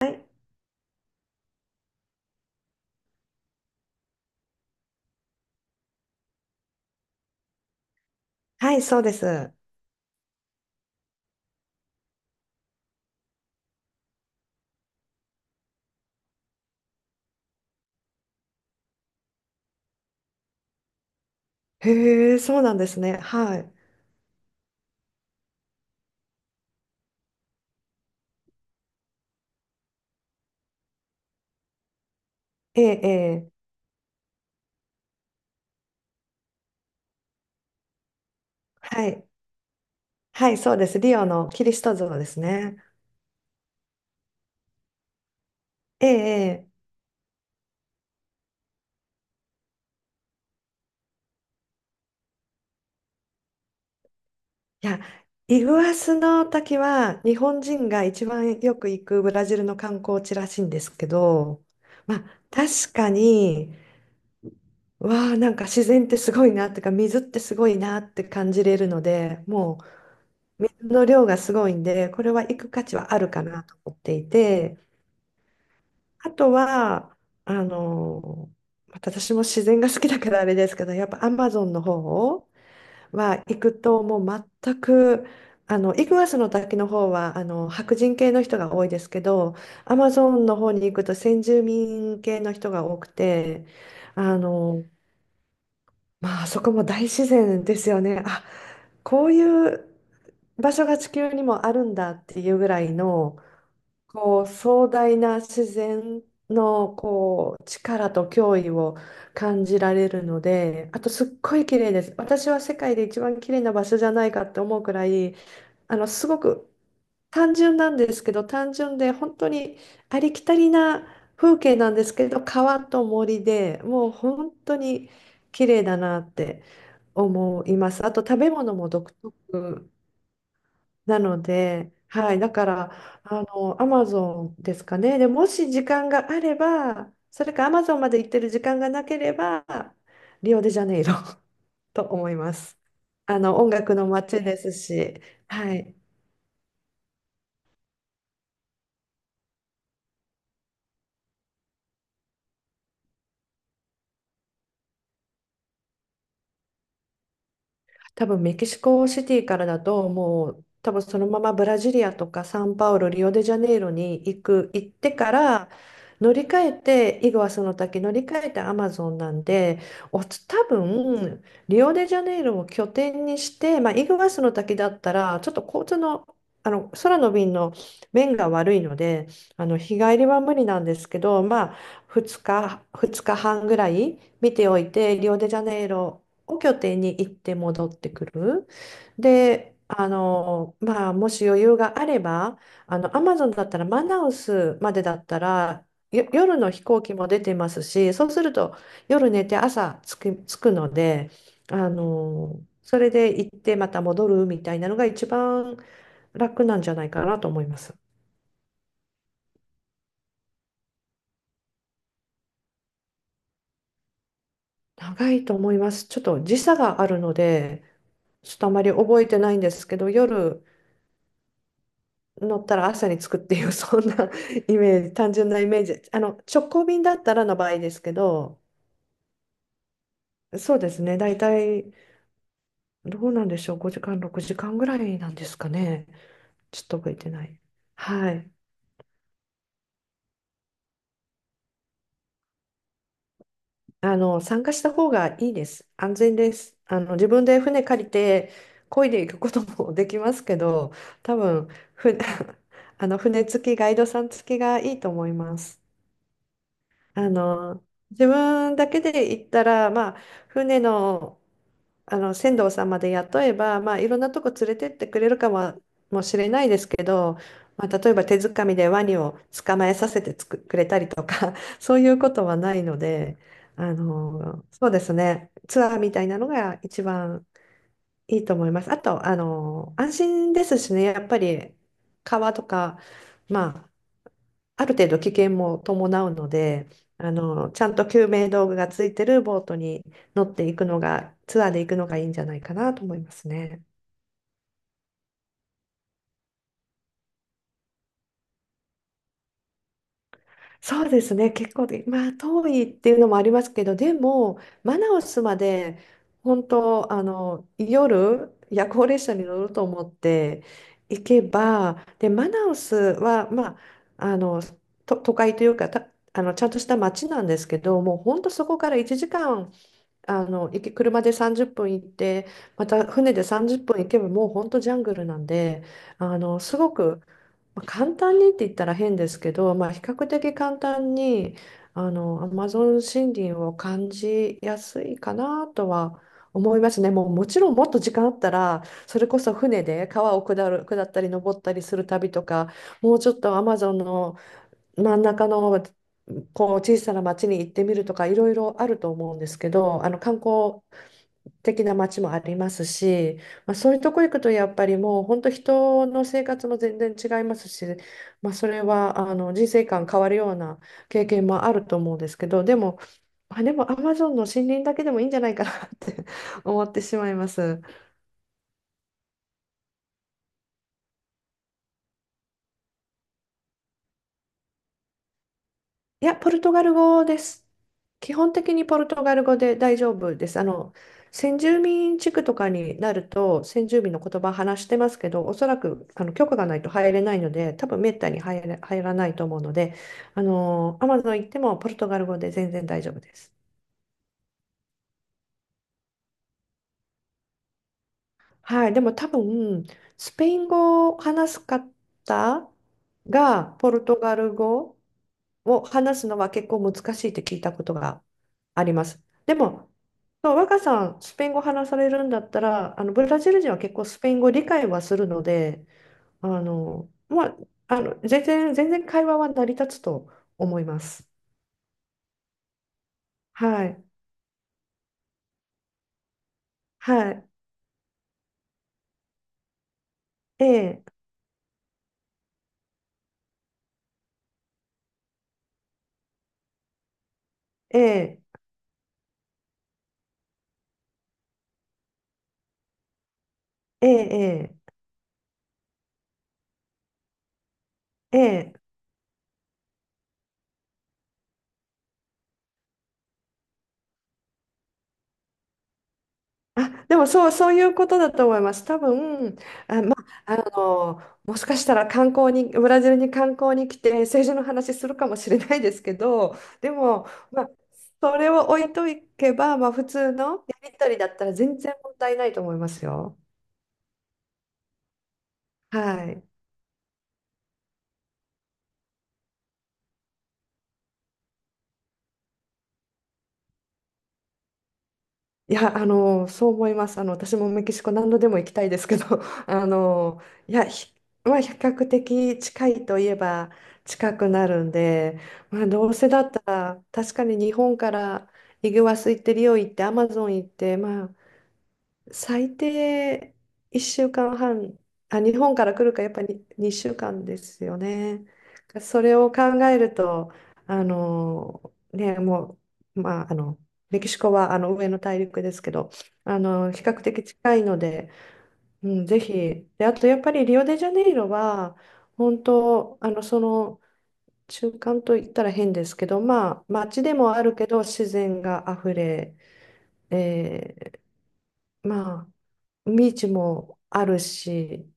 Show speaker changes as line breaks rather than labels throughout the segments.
はいはい、そうです。へえ、そうなんですね。はい。ええ、ええ、はい。はい、そうです。リオのキリスト像ですね。ええ、ええ、いや、イグアスの滝は日本人が一番よく行くブラジルの観光地らしいんですけど、まあ、確かに、わあ、なんか自然ってすごいなってか、水ってすごいなって感じれるので、もう水の量がすごいんで、これは行く価値はあるかなと思っていて、あとは、あの、また私も自然が好きだからあれですけど、やっぱアマゾンの方は行くともう全く、イグアスの滝の方は、白人系の人が多いですけど、アマゾンの方に行くと先住民系の人が多くて、あの、まあ、あそこも大自然ですよね。あ、こういう場所が地球にもあるんだっていうぐらいの、こう壮大な自然のこう力と脅威を感じられるので、あとすっごい綺麗です。私は世界で一番綺麗な場所じゃないかって思うくらい、あのすごく単純なんですけど、単純で本当にありきたりな風景なんですけど、川と森でもう本当に綺麗だなって思います。あと食べ物も独特なので、はい、だから、あの、アマゾンですかね。で、もし時間があれば、それかアマゾンまで行ってる時間がなければ、リオデジャネイロ と思います。あの、音楽の街ですし、はい。多分メキシコシティからだともう多分そのままブラジリアとかサンパウロ、リオデジャネイロに行く、行ってから乗り換えてイグアスの滝乗り換えてアマゾンなんで、おつ多分リオデジャネイロを拠点にして、まあ、イグアスの滝だったらちょっと交通の、あの空の便の便が悪いので、あの日帰りは無理なんですけど、まあ、2日、2日半ぐらい見ておいてリオデジャネイロを拠点に行って戻ってくる。で、あの、まあ、もし余裕があれば、あの、アマゾンだったらマナウスまでだったら、よ夜の飛行機も出てますし、そうすると夜寝て朝着く、着くので、あの、それで行ってまた戻るみたいなのが一番楽なんじゃないかなと思います。長いと思います。ちょっと時差があるので、ちょっとあまり覚えてないんですけど、夜乗ったら朝に着くっていう、そんな イメージ、単純なイメージ。あの、直行便だったらの場合ですけど、そうですね、大体、どうなんでしょう、5時間、6時間ぐらいなんですかね。ちょっと覚えてない。はい。あの、参加した方がいいです。安全です。あの、自分で船借りて、漕いでいくことも できますけど、多分、ふ、あの、船付き、ガイドさん付きがいいと思います。あの、自分だけで行ったら、まあ、船の、あの船頭さんまで雇えば、まあ、いろんなとこ連れてってくれるかも、もしれないですけど、まあ、例えば手づかみでワニを捕まえさせてくれたりとか そういうことはないので、あの、そうですね、ツアーみたいなのが一番いいと思います。あと、あの、安心ですしね、やっぱり川とか、まあ、ある程度危険も伴うので、あの、ちゃんと救命道具がついてるボートに乗っていくのが、ツアーで行くのがいいんじゃないかなと思いますね。そうですね、結構で、まあ、遠いっていうのもありますけど、でも、マナウスまで、本当、あの、夜、夜行列車に乗ると思って行けば、で、マナウスは、まあ、あの、と、都会というか、た、あの、ちゃんとした街なんですけど、もう本当そこから1時間、あの、行き車で30分行って、また船で30分行けばもう本当ジャングルなんで、あの、すごく、まあ、簡単にって言ったら変ですけど、まあ、比較的簡単に、あの、アマゾン森林を感じやすいかなとは思いますね。もうもちろんもっと時間あったら、それこそ船で川を下る、下ったり登ったりする旅とか、もうちょっとアマゾンの真ん中のこう小さな町に行ってみるとかいろいろあると思うんですけど、あの観光的な町もありますし、まあ、そういうとこ行くとやっぱりもう本当人の生活も全然違いますし、まあ、それはあの人生観変わるような経験もあると思うんですけど、でも、あ、でもアマゾンの森林だけでもいいんじゃないかなって 思ってしまいます。いや、ポルトガル語です。基本的にポルトガル語で大丈夫です。あの、先住民地区とかになると、先住民の言葉話してますけど、おそらくあの許可がないと入れないので、多分めったに入れ、入らないと思うので、あの、アマゾン行ってもポルトガル語で全然大丈夫です。はい、でも多分、スペイン語を話す方が、ポルトガル語を話すのは結構難しいって聞いたことがあります。でも、そう若さん、スペイン語話されるんだったら、あのブラジル人は結構スペイン語理解はするので、あの、まあ、全然、会話は成り立つと思います。はい。はい。ええ、ええ、ええ、ええ、ええ。あ、でもそう、そういうことだと思います。多分、あ、まあ、あの、もしかしたら観光に、ブラジルに観光に来て政治の話するかもしれないですけど、でも、まあ、それを置いといけば、まあ、普通のやりとりだったら全然問題ないと思いますよ。はい。いや、あの、そう思います。あの、私もメキシコ何度でも行きたいですけど、あの、いや、ひまあ、比較的近いといえば近くなるんで、まあ、どうせだったら、確かに日本からイグアス行ってリオ行ってアマゾン行って、まあ、最低1週間半、あ、日本から来るかやっぱり2週間ですよね。それを考えると、あの、ね、もう、まあ、あの、メキシコはあの上の大陸ですけど、あの、比較的近いので、うん、ぜひ。で、あとやっぱりリオデジャネイロは、本当、あの、その、中間と言ったら変ですけど、まあ、街でもあるけど、自然があふれ、えーまあ、ビーチもあるし、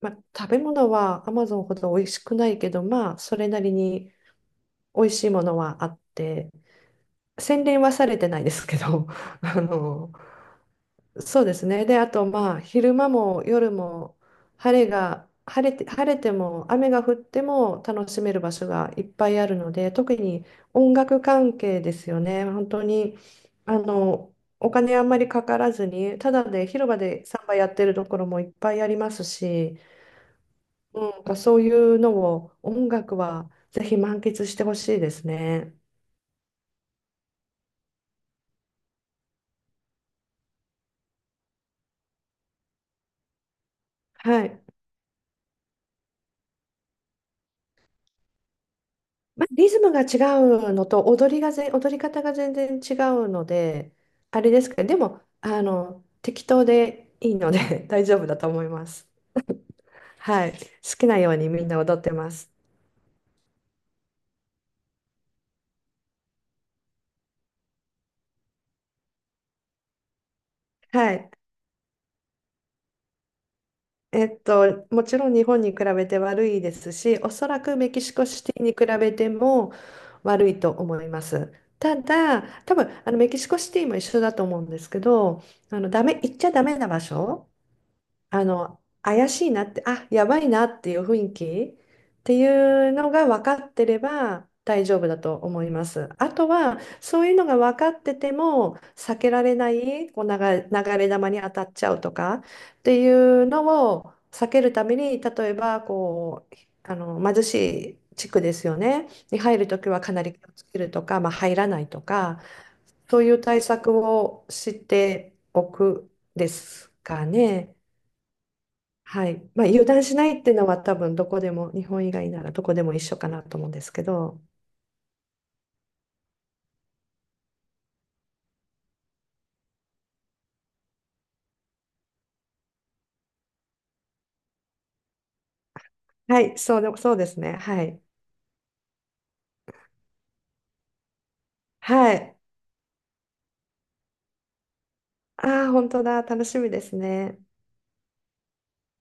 まあ、食べ物はアマゾンほど美味しくないけど、まあ、それなりに美味しいものはあって、洗練はされてないですけど、あの、そうですね。で、あとまあ昼間も夜も晴れが晴れて、晴れても雨が降っても楽しめる場所がいっぱいあるので、特に音楽関係ですよね。本当にあのお金あんまりかからずに、ただで広場でサンバやってるところもいっぱいありますし、うん、なんかそういうのを音楽はぜひ満喫してほしいですね。はい。まあ、リズムが違うのと踊りが踊り方が全然違うので、あれですけど、でも、あの、適当でいいので 大丈夫だと思います。はい。好きなようにみんな踊ってます。はい。えっと、もちろん日本に比べて悪いですし、おそらくメキシコシティに比べても悪いと思います。ただ、多分、あのメキシコシティも一緒だと思うんですけど、あの、ダメ、行っちゃダメな場所、あの、怪しいなって、あ、やばいなっていう雰囲気っていうのが分かってれば大丈夫だと思います。あとは、そういうのが分かってても、避けられない、こう流れ、流れ弾に当たっちゃうとかっていうのを避けるために、例えば、こう、あの、貧しい地区ですよね。に入るときはかなり気をつけるとか、まあ、入らないとか、そういう対策をしておくですかね。はい。まあ、油断しないっていうのは多分どこでも、日本以外ならどこでも一緒かなと思うんですけど。はい、そうで、そうですね。はい。はい。ああ、本当だ。楽しみですね。